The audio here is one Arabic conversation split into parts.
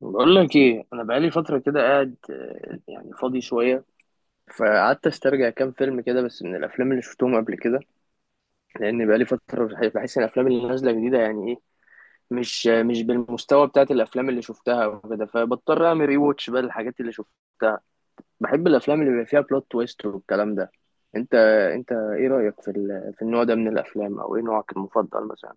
بقول لك ايه، انا بقالي فتره كده قاعد يعني فاضي شويه. فقعدت استرجع كام فيلم كده، بس من الافلام اللي شفتهم قبل كده. لان بقالي فتره بحس ان الافلام اللي نازله جديده يعني ايه، مش مش بالمستوى بتاعت الافلام اللي شفتها وكده، فبضطر اعمل ري واتش بقى الحاجات اللي شفتها. بحب الافلام اللي بيبقى فيها بلوت تويست والكلام ده. انت، انت ايه رايك في في النوع ده من الافلام، او ايه نوعك المفضل مثلا؟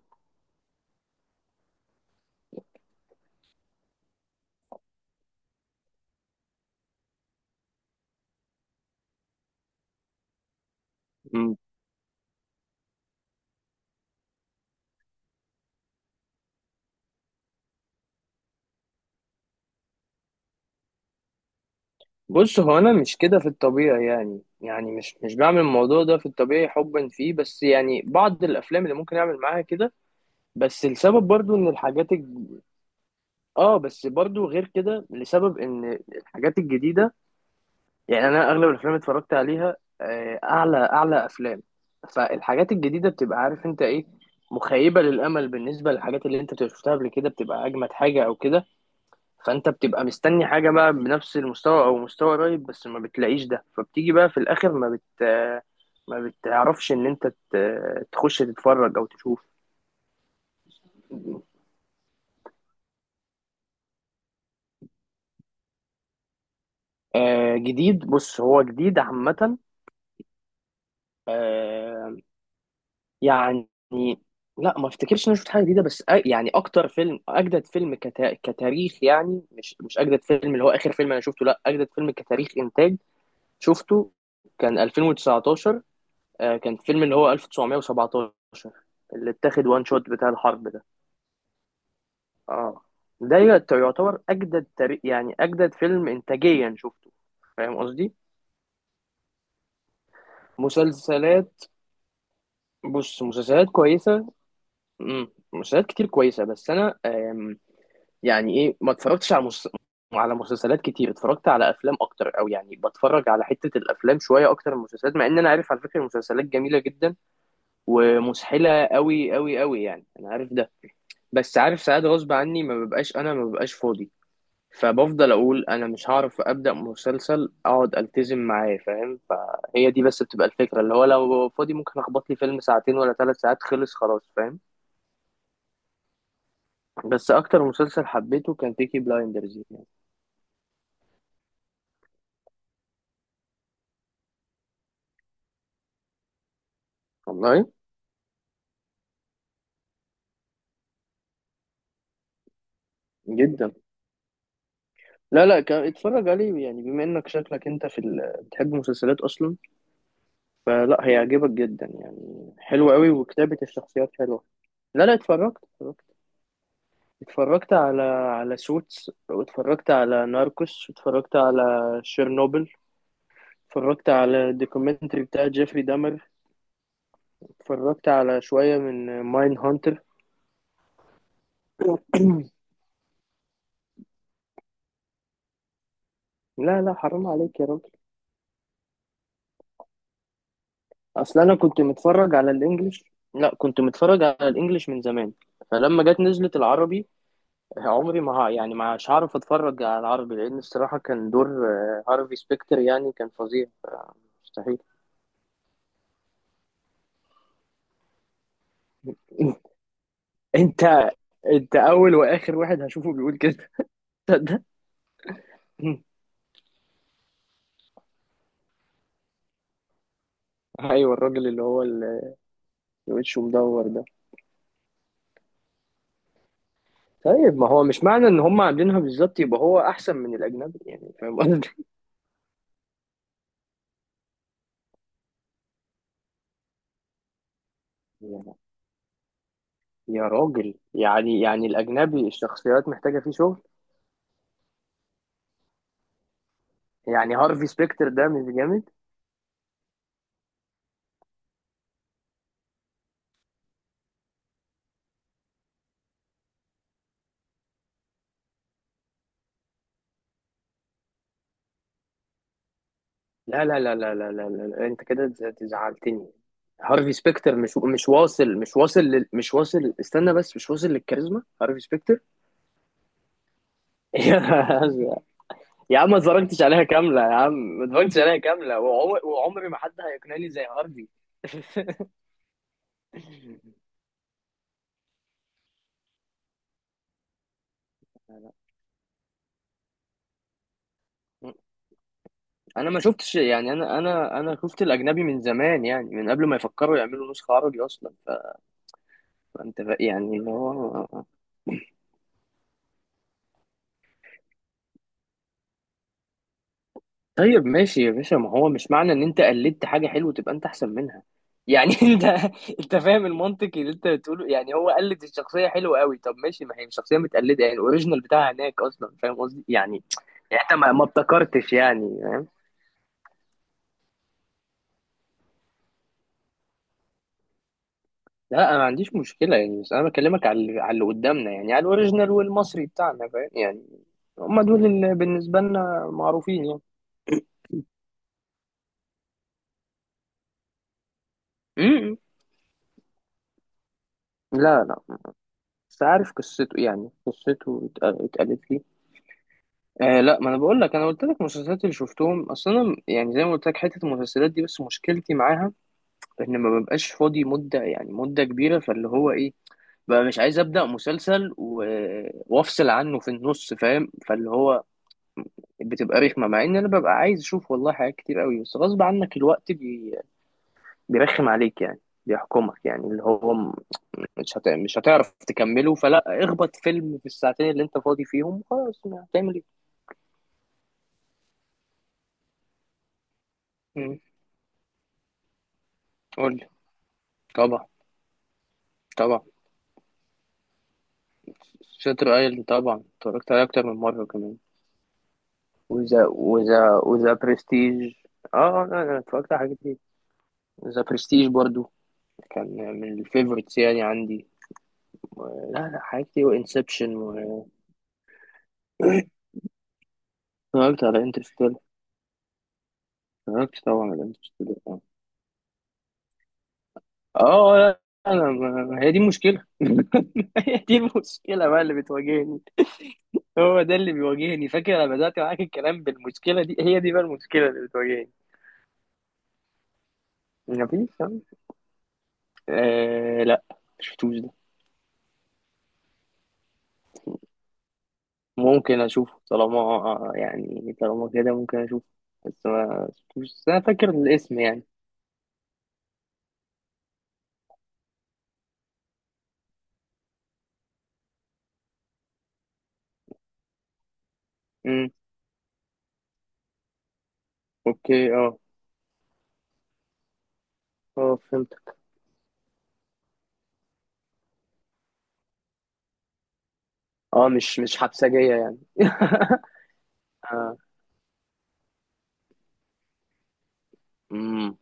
بص، هو انا مش كده في الطبيعي، يعني يعني مش بعمل الموضوع ده في الطبيعي حبا فيه، بس يعني بعض الافلام اللي ممكن اعمل معاها كده. بس السبب برضو ان اه، بس برضو غير كده لسبب ان الحاجات الجديده، يعني انا اغلب الافلام اللي اتفرجت عليها اعلى افلام. فالحاجات الجديده بتبقى عارف انت ايه، مخيبه للامل. بالنسبه للحاجات اللي انت شفتها قبل كده بتبقى اجمد حاجه او كده، فانت بتبقى مستني حاجه بقى بنفس المستوى او مستوى قريب، بس ما بتلاقيش ده، فبتيجي بقى في الاخر ما بتعرفش ان تخش تتفرج او تشوف. جديد؟ بص، هو جديد عامه، آه، يعني لا، ما افتكرش ان انا شفت حاجه جديده، بس يعني اكتر فيلم، اجدد فيلم كتاريخ، يعني مش اجدد فيلم اللي هو اخر فيلم انا شفته، لا، اجدد فيلم كتاريخ انتاج شفته كان 2019. آه، كان فيلم اللي هو 1917، اللي اتاخد وان شوت بتاع الحرب ده. اه، ده يعتبر اجدد تاريخ، يعني اجدد فيلم انتاجيا شفته. فاهم قصدي؟ مسلسلات؟ بص، مسلسلات كويسه، امم، مسلسلات كتير كويسه، بس انا يعني ايه، ما اتفرجتش على مس... على مسلسلات كتير. اتفرجت على افلام اكتر، او يعني بتفرج على حته الافلام شويه اكتر من المسلسلات، مع ان انا عارف على فكره المسلسلات جميله جدا، ومسحله قوي قوي قوي، يعني انا عارف ده. بس عارف ساعات غصب عني، ما ببقاش، انا ما ببقاش فاضي، فبفضل اقول انا مش هعرف ابدا مسلسل اقعد التزم معاه، فاهم؟ فهي دي بس بتبقى الفكره، اللي هو لو ببقى فاضي ممكن اخبط لي فيلم ساعتين ولا ثلاث ساعات، خلص خلاص، فاهم؟ بس اكتر مسلسل حبيته كان بيكي بلايندرز يعني. والله جدا. لا لا، كان اتفرج عليه يعني، بما انك شكلك انت بتحب المسلسلات اصلا، فلا، هيعجبك جدا يعني، حلو قوي وكتابة الشخصيات حلوة. لا لا، اتفرجت. اتفرجت على سوتس، واتفرجت على ناركوس، واتفرجت على شيرنوبل، اتفرجت على الدوكيومنتري بتاع جيفري دامر، اتفرجت على شوية من ماين هانتر. لا لا، حرام عليك يا راجل، اصل انا كنت متفرج على الانجليش. لا، كنت متفرج على الانجليش من زمان، فلما جت نزلت العربي، عمري ما ه- يعني ما مش هعرف اتفرج على العربي، لان الصراحة كان دور هارفي سبيكتر يعني كان فظيع مستحيل. انت، انت اول واخر واحد هشوفه بيقول كده، تصدق؟ ايوه، الراجل اللي هو اللي وشه مدور ده. طيب، ما هو مش معنى ان هم عاملينها بالظبط يبقى هو احسن من الاجنبي، يعني فاهم قصدي؟ يا، يا راجل، يعني الاجنبي الشخصيات محتاجه فيه شغل؟ يعني هارفي سبيكتر ده مش جامد؟ لا. انت كده زعلتني. هارفي سبيكتر مش واصل، مش واصل مش واصل، استنى بس، مش واصل للكاريزما هارفي سبيكتر. يا عم ما اتفرجتش عليها كاملة، يا عم ما اتفرجتش عليها كاملة، وعمري ما حد هيقنعني زي هارفي. لا، لا. انا ما شفتش يعني، انا شفت الاجنبي من زمان، يعني من قبل ما يفكروا يعملوا نسخة عربي اصلا. فانت بقى يعني اللي هو، طيب ماشي يا باشا، ما هو مش معنى ان انت قلدت حاجه حلوه تبقى انت احسن منها، يعني انت، انت فاهم المنطق اللي انت بتقوله؟ يعني هو قلد الشخصيه حلوه قوي، طب ماشي، ما هي الشخصيه متقلده، يعني الاوريجينال بتاعها هناك اصلا، فاهم قصدي يعني، يعني انت ما ابتكرتش يعني. لا انا ما عنديش مشكله يعني، بس انا بكلمك على على اللي قدامنا، يعني على الاوريجينال والمصري بتاعنا، فاهم يعني، هم دول اللي بالنسبه لنا معروفين يعني. م- م. لا لا، بس عارف قصته يعني، قصته اتقالت لي. آه لا، ما انا بقول لك، انا قلت لك المسلسلات اللي شفتهم. اصل انا يعني زي ما قلت لك، حته المسلسلات دي بس مشكلتي معاها ان ما ببقاش فاضي مده، يعني مده كبيره، فاللي هو ايه، بقى مش عايز ابدا وافصل عنه في النص، فاهم؟ فاللي هو بتبقى رخمه، مع ان انا ببقى عايز اشوف والله حاجات كتير قوي، بس غصب عنك الوقت بيرخم عليك يعني، بيحكمك يعني اللي هو مش هتعرف تكمله، فلا اخبط فيلم في الساعتين اللي انت فاضي فيهم، خلاص، ما هتعمل ايه؟ مم. قول لي. طبعا. طبعا. شاتر ايلاند طبعا، اتفرجت عليه اكتر من مره كمان. وذا، وذا برستيج. اه لا، انا اتفرجت على حاجات كتير. ذا برستيج برضو كان من الفيفورتس يعني عندي. لا، لا، حاجات كتير، وانسبشن اتفرجت على انترستيلر، اتفرجت طبعا على انترستيلر، اه. اه لا، انا ما، هي دي المشكله، هي دي المشكله بقى اللي بتواجهني، هو ده اللي بيواجهني. فاكر انا بدات معاك الكلام بالمشكله دي، هي دي بقى المشكله اللي بتواجهني. مفيش. آه لا، مشفتوش ده. ممكن اشوفه، طالما يعني طالما كده ممكن اشوفه، بس ما شفتوش، بس انا فاكر الاسم يعني. امم. اوكي، اه. اه فهمت. اه، مش مش حبسجية يعني. آه. امم.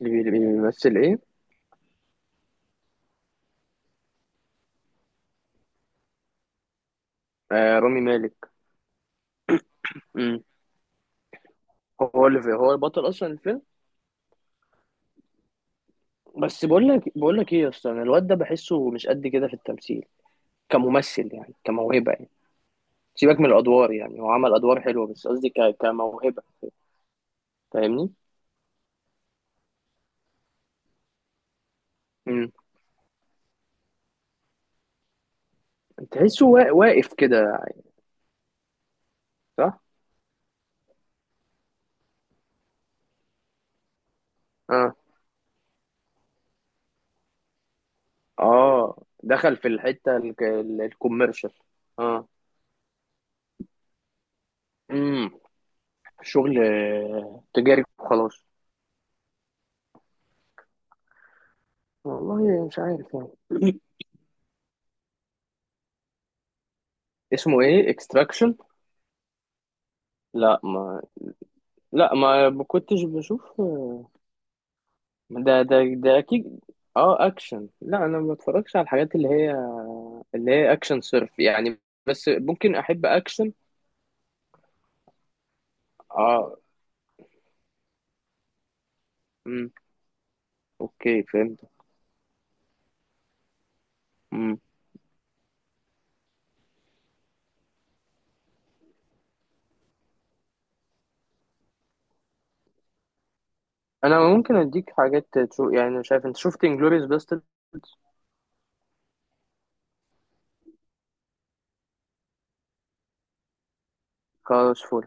اللي بيمثل ايه؟ آه رامي مالك. امم. هو اللي في، هو البطل اصلا الفيلم. بس بقول لك، بقول لك ايه يا اسطى، أنا الواد ده بحسه مش قد كده في التمثيل، كممثل يعني، كموهبة يعني. سيبك من الادوار يعني، هو عمل ادوار حلوة، بس قصدي كموهبة، فاهمني؟ امم. تحسه واقف كده. صح. اه اه، دخل في الحته الكوميرشال. اه. امم. شغل تجاري وخلاص. والله مش عارف يعني. اسمه ايه، اكستراكشن؟ لا ما، لا ما كنتش بشوف ده، ده اكيد. اه، اكشن. لا، انا ما بتفرجش على الحاجات اللي هي، اللي هي اكشن صرف يعني، بس ممكن احب اكشن. اه. امم. اوكي، فهمت. امم. انا ممكن اديك حاجات تشوف يعني، شايف، انت شفت انجلوريوس باسترد؟ خلاص فل.